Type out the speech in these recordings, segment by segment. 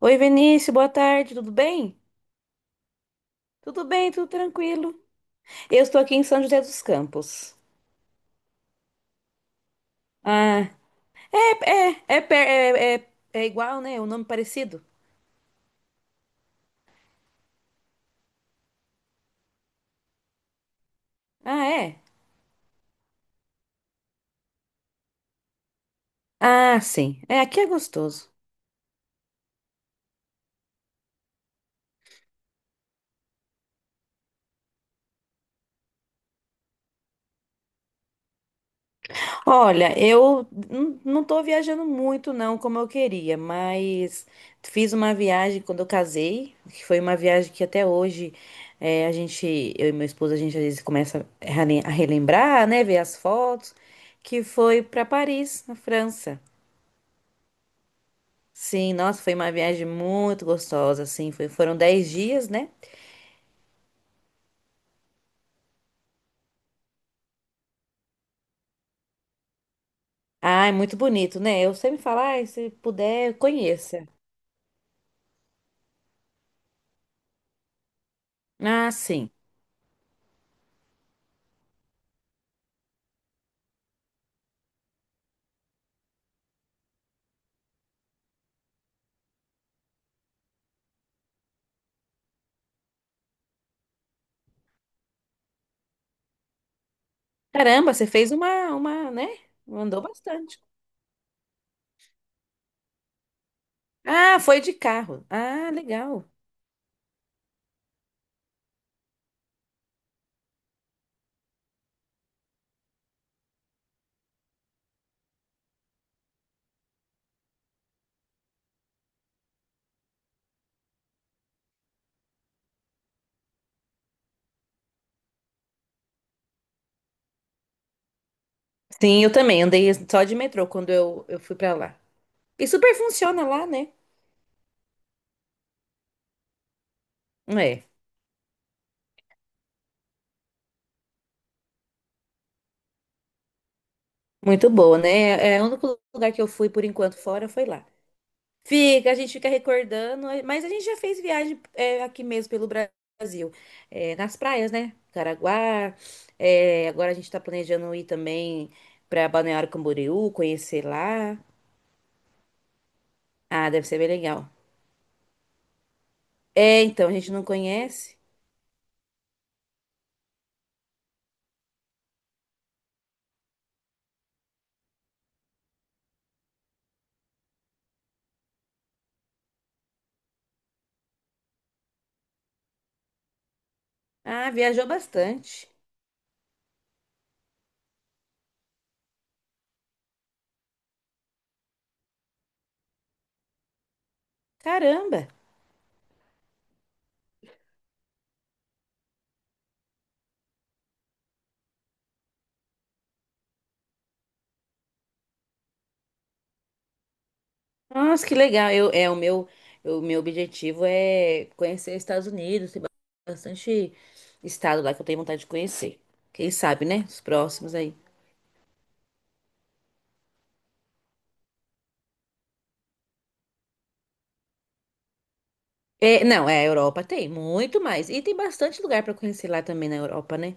Oi, Vinícius, boa tarde, tudo bem? Tudo bem, tudo tranquilo. Eu estou aqui em São José dos Campos. Ah, é, é igual, né? O nome parecido? Ah, é? Ah, sim. É, aqui é gostoso. Olha, não estou viajando muito, não, como eu queria, mas fiz uma viagem quando eu casei, que foi uma viagem que até hoje a gente, eu e meu esposo, a gente às vezes começa a relembrar, né, ver as fotos, que foi para Paris, na França. Sim, nossa, foi uma viagem muito gostosa, assim, foram 10 dias, né? Ah, é muito bonito, né? Eu sempre falo, ai, se puder, conheça. Ah, sim. Caramba, você fez uma, né? Mandou bastante. Ah, foi de carro. Ah, legal. Sim, eu também andei só de metrô quando eu fui pra lá. E super funciona lá, né? É, muito boa, né? É, é, o único lugar que eu fui por enquanto fora foi lá. Fica, a gente fica recordando, é, mas a gente já fez viagem é, aqui mesmo pelo Brasil. É, nas praias, né? Caraguá. É, agora a gente tá planejando ir também pra Balneário Camboriú, conhecer lá. Ah, deve ser bem legal. É, então, a gente não conhece. Ah, viajou bastante. Caramba! Nossa, que legal. O meu objetivo é conhecer os Estados Unidos. Tem bastante estado lá que eu tenho vontade de conhecer. Quem sabe, né? Os próximos aí. É, não, é, a Europa tem muito mais. E tem bastante lugar pra conhecer lá também na Europa, né?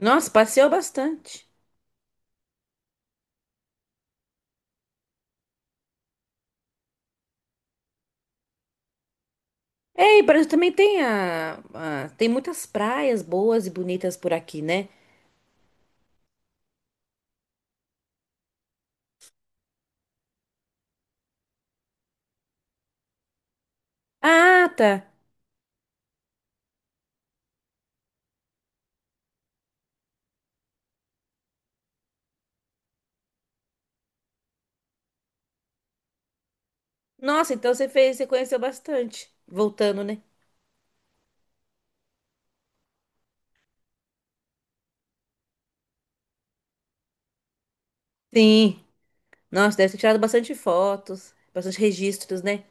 Nossa, passeou bastante. É, e parece que também tem muitas praias boas e bonitas por aqui, né? Ah, tá. Nossa, então você fez, você conheceu bastante. Voltando, né? Sim. Nossa, deve ter tirado bastante fotos, bastante registros, né?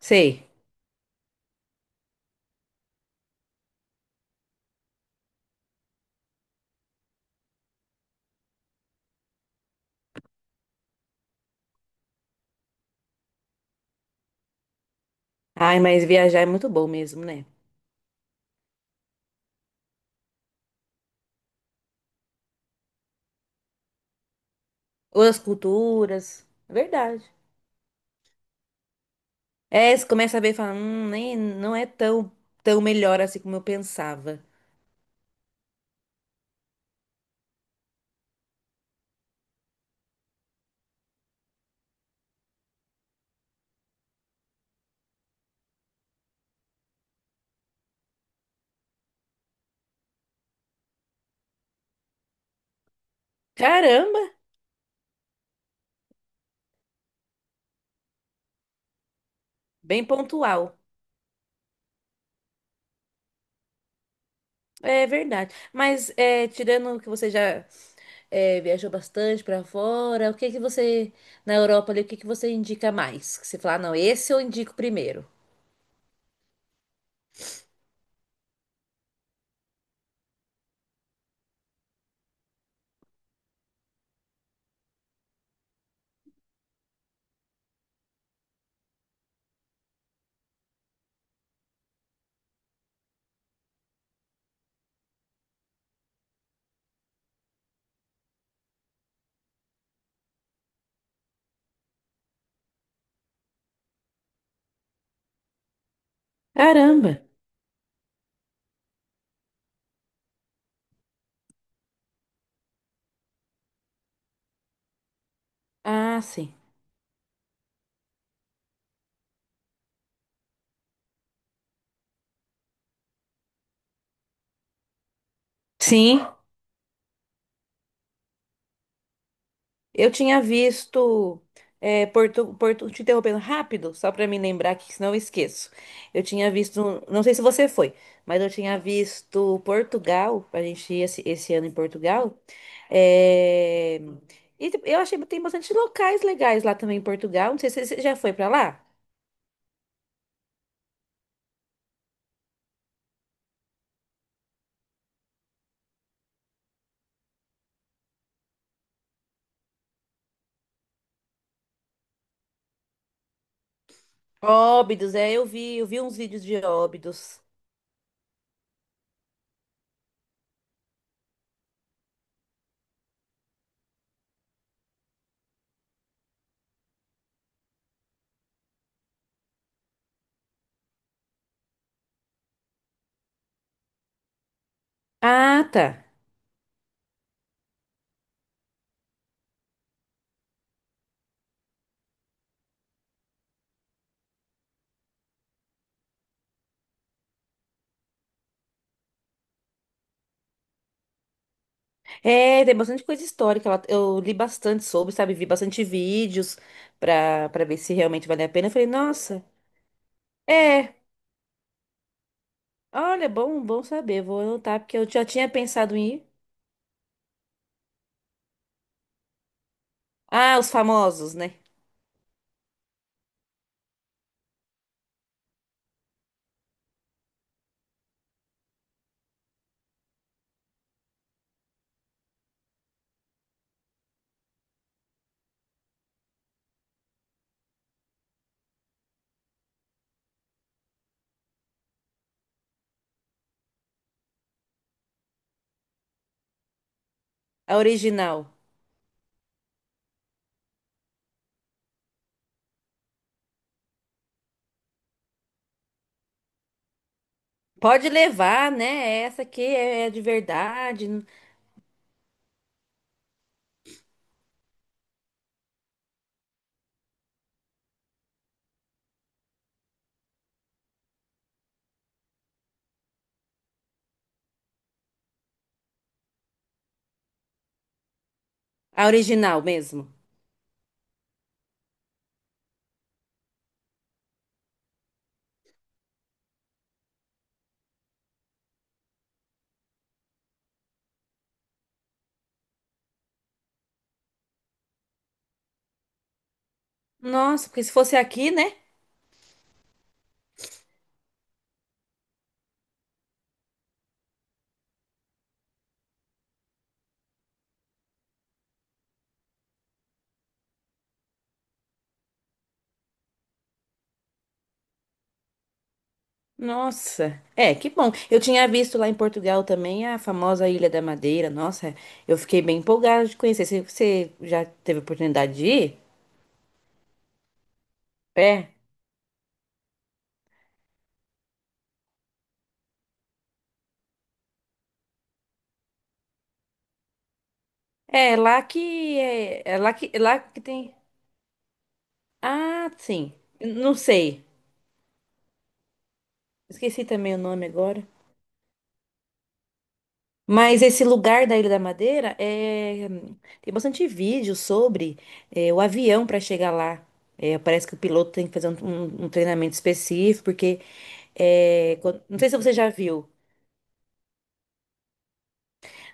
Sei. Ai, mas viajar é muito bom mesmo, né? Outras culturas. É verdade. É, você começa a ver e fala, nem, não é tão, tão melhor assim como eu pensava. Caramba, bem pontual. É verdade. Mas é, tirando que você já é, viajou bastante pra fora, o que que você, na Europa ali, o que que você indica mais? Que você fala, "Ah, não, esse eu indico primeiro." Caramba. Ah, sim. Sim, eu tinha visto. É, Porto, Porto, te interrompendo rápido, só para me lembrar que senão eu esqueço. Eu tinha visto, um, não sei se você foi, mas eu tinha visto Portugal, a gente ir esse ano em Portugal. É, e eu achei que tem bastante locais legais lá também em Portugal. Não sei se você já foi para lá. Óbidos, é, eu vi uns vídeos de Óbidos. Ah, tá. É, tem bastante coisa histórica lá. Eu li bastante sobre, sabe? Vi bastante vídeos pra ver se realmente vale a pena. Eu falei, nossa, é, olha, bom, bom saber. Vou anotar, porque eu já tinha pensado em ir. Ah, os famosos, né? A original. Pode levar, né? Essa aqui é, é de verdade. A original mesmo. Nossa, porque se fosse aqui, né? Nossa, é, que bom. Eu tinha visto lá em Portugal também a famosa Ilha da Madeira. Nossa, eu fiquei bem empolgada de conhecer. Você já teve oportunidade de ir? É. É lá que é, é lá que tem. Ah, sim. Não sei. Esqueci também o nome agora. Mas esse lugar da Ilha da Madeira é... tem bastante vídeo sobre é, o avião para chegar lá. É, parece que o piloto tem que fazer um, um treinamento específico, porque é, não sei se você já viu.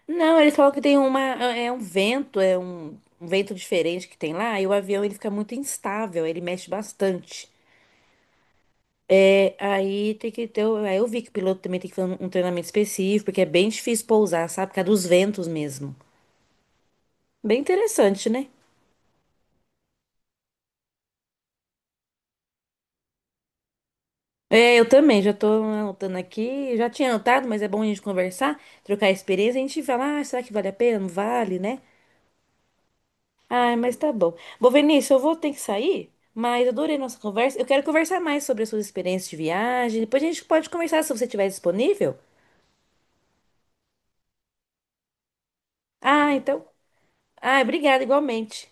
Não, eles falam que tem uma é é um vento, é um, um vento diferente que tem lá, e o avião ele fica muito instável, ele mexe bastante. É, aí tem que ter. Aí eu vi que o piloto também tem que fazer um treinamento específico, porque é bem difícil pousar, sabe? Por causa dos ventos mesmo. Bem interessante, né? É, eu também, já tô anotando aqui. Já tinha anotado, mas é bom a gente conversar, trocar experiência. A gente fala, ah, será que vale a pena? Não vale, né? Ah, mas tá bom. Bom, Vinícius, eu vou ter que sair, mas adorei nossa conversa. Eu quero conversar mais sobre as suas experiências de viagem. Depois a gente pode conversar se você estiver disponível. Ah, então. Ah, obrigada, igualmente.